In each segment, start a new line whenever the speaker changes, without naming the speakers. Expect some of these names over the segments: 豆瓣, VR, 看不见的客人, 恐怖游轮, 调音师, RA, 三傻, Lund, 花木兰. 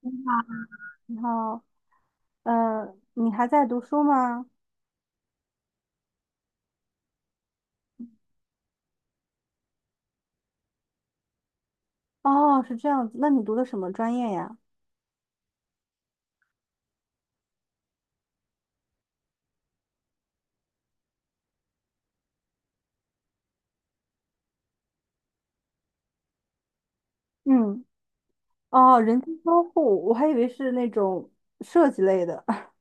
你好，你好，你还在读书吗？哦，是这样子，那你读的什么专业呀？嗯。哦，人机交互，我还以为是那种设计类的。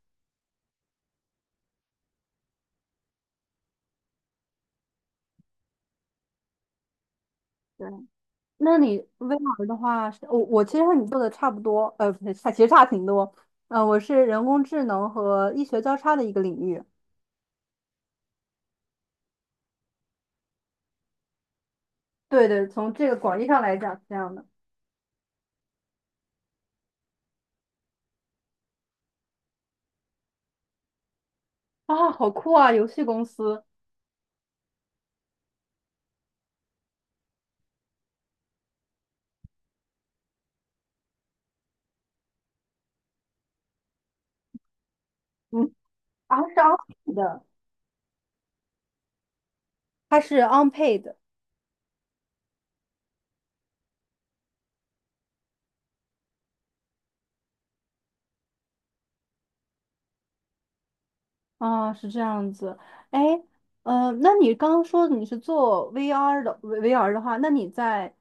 对，那你 VR 的话是我其实和你做的差不多，呃，不是，差其实差挺多。我是人工智能和医学交叉的一个领域。对对，从这个广义上来讲是这样的。啊，好酷啊！游戏公司，嗯。啊是 unpaid 的，它是 unpaid。啊，是这样子。哎，那你刚刚说你是做 VR 的话，那你在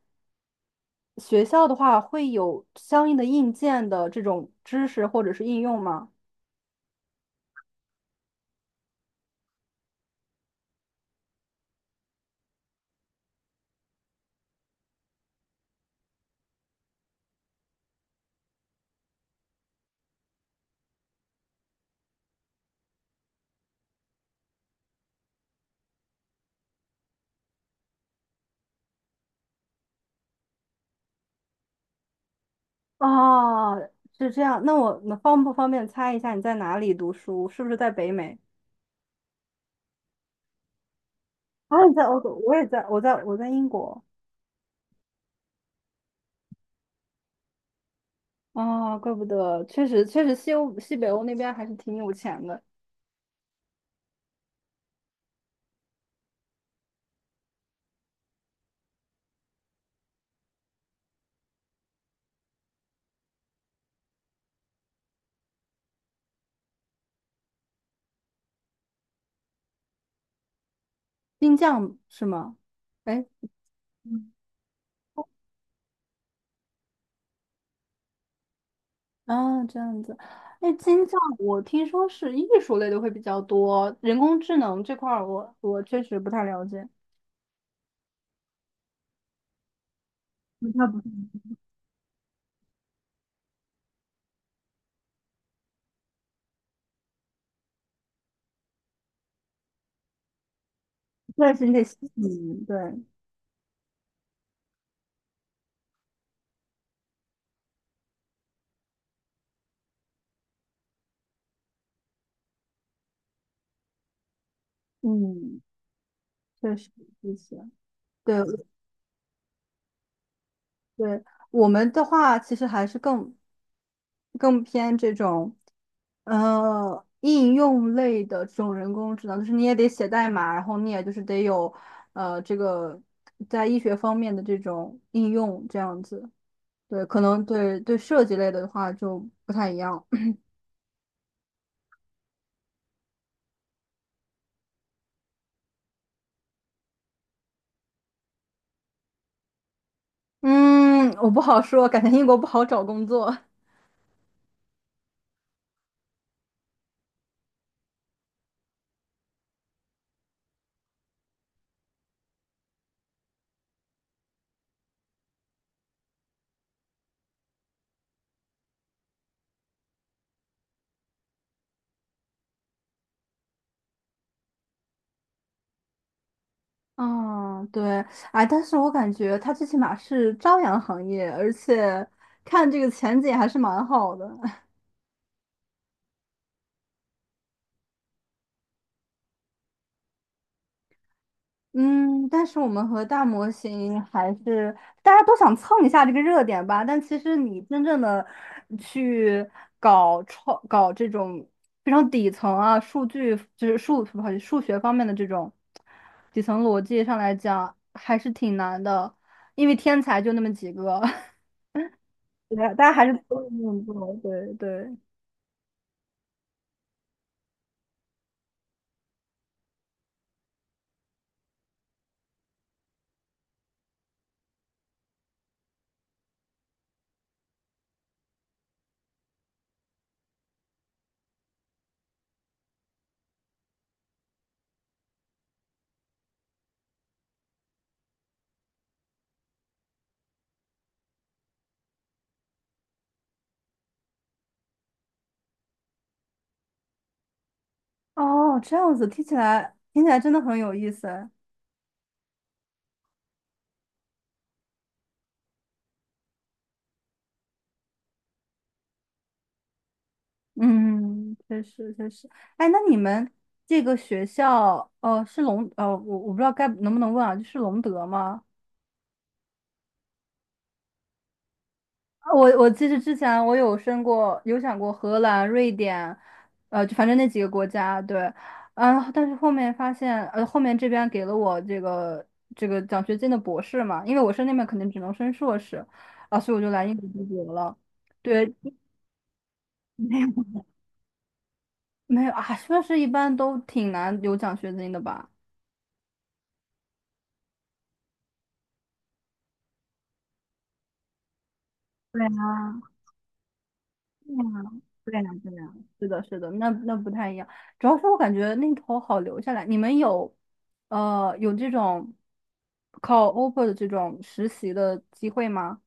学校的话会有相应的硬件的这种知识或者是应用吗？啊，是这样。那我能方不方便猜一下你在哪里读书？是不是在北美？啊，你在欧洲，我也在，我在英国。啊，怪不得，确实西欧西北欧那边还是挺有钱的。新疆是吗？哎。啊，这样子。哎，金匠，我听说是艺术类的会比较多，人工智能这块儿我确实不太了解。不太不太，但是你得细嗯，对。嗯，确实一些。对对，我们的话其实还是更偏这种，应用类的这种人工智能，就是你也得写代码，然后你也就是得有，这个在医学方面的这种应用，这样子。对，可能设计类的话就不太一样。嗯，我不好说，感觉英国不好找工作。嗯，对。哎，但是我感觉它最起码是朝阳行业，而且看这个前景还是蛮好的。嗯，但是我们和大模型还是大家都想蹭一下这个热点吧。但其实你真正的去搞这种非常底层啊，数据就是数不好意思，数学方面的这种底层逻辑上来讲，还是挺难的，因为天才就那么几个。对，大家还是都是那么做。对对。哦，这样子，听起来真的很有意思。嗯，确实确实。哎，那你们这个学校，是隆，我不知道该能不能问啊，就是隆德吗？啊我其实之前我有申过，有想过荷兰、瑞典，就反正那几个国家，对。嗯。但是后面发现，后面这边给了我这个奖学金的博士嘛，因为我申那边肯定只能申硕士，啊，所以我就来英国读博了。对。没有没有啊，硕士一般都挺难有奖学金的吧？对啊对呀，对呀，对呀，是的，是的，那不太一样。主要是我感觉那头好留下来。你们有，有这种考 offer 的这种实习的机会吗？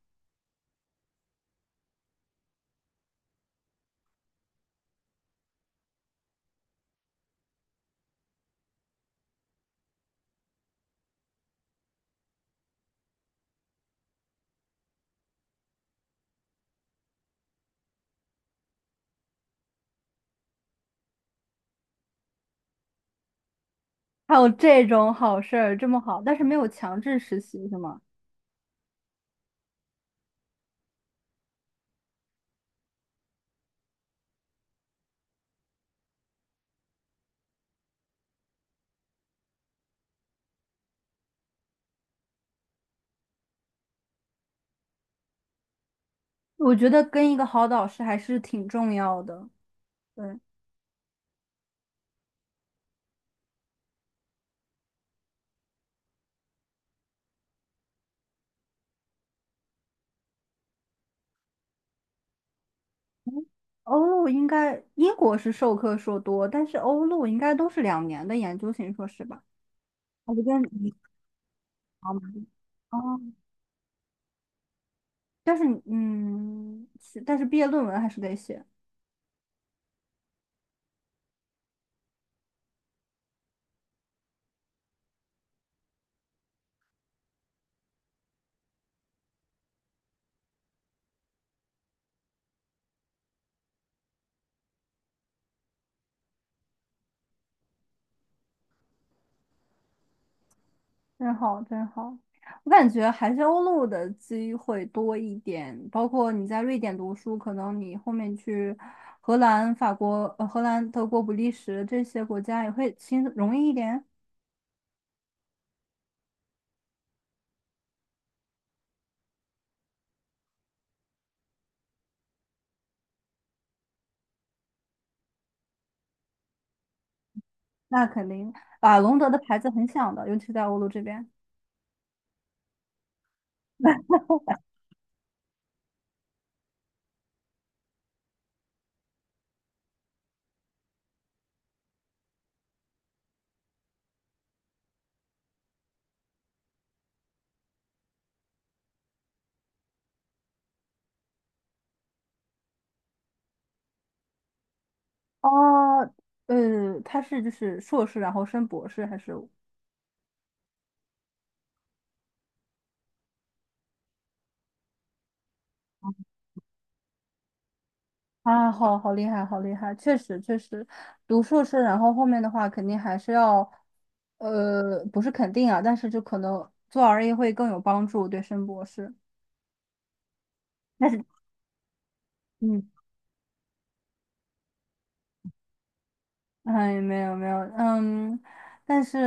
还有这种好事儿，这么好，但是没有强制实习是吗？我觉得跟一个好导师还是挺重要的。对。嗯，欧陆应该英国是授课硕多，但是欧陆应该都是两年的研究型硕士吧？我就跟你哦。但是嗯，是但是毕业论文还是得写。真好真好。我感觉还是欧陆的机会多一点，包括你在瑞典读书，可能你后面去荷兰、法国、荷兰、德国、比利时这些国家也会轻容易一点。那肯定。啊，隆德的牌子很响的，尤其在欧陆这边。哦，他是就是硕士，然后升博士，还是？啊，好厉害，好厉害，确实确实，读硕士，然后后面的话肯定还是要，不是肯定啊，但是就可能做 RA 会更有帮助，对升博士。但是，嗯。哎，没有，嗯。但是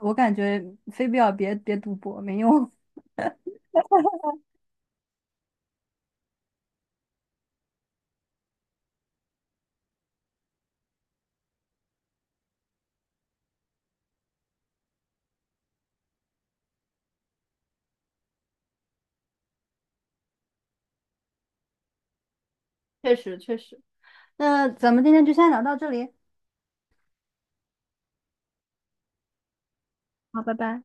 我感觉非必要别读博，没用。确实确实，那咱们今天就先聊到这里，好，拜拜。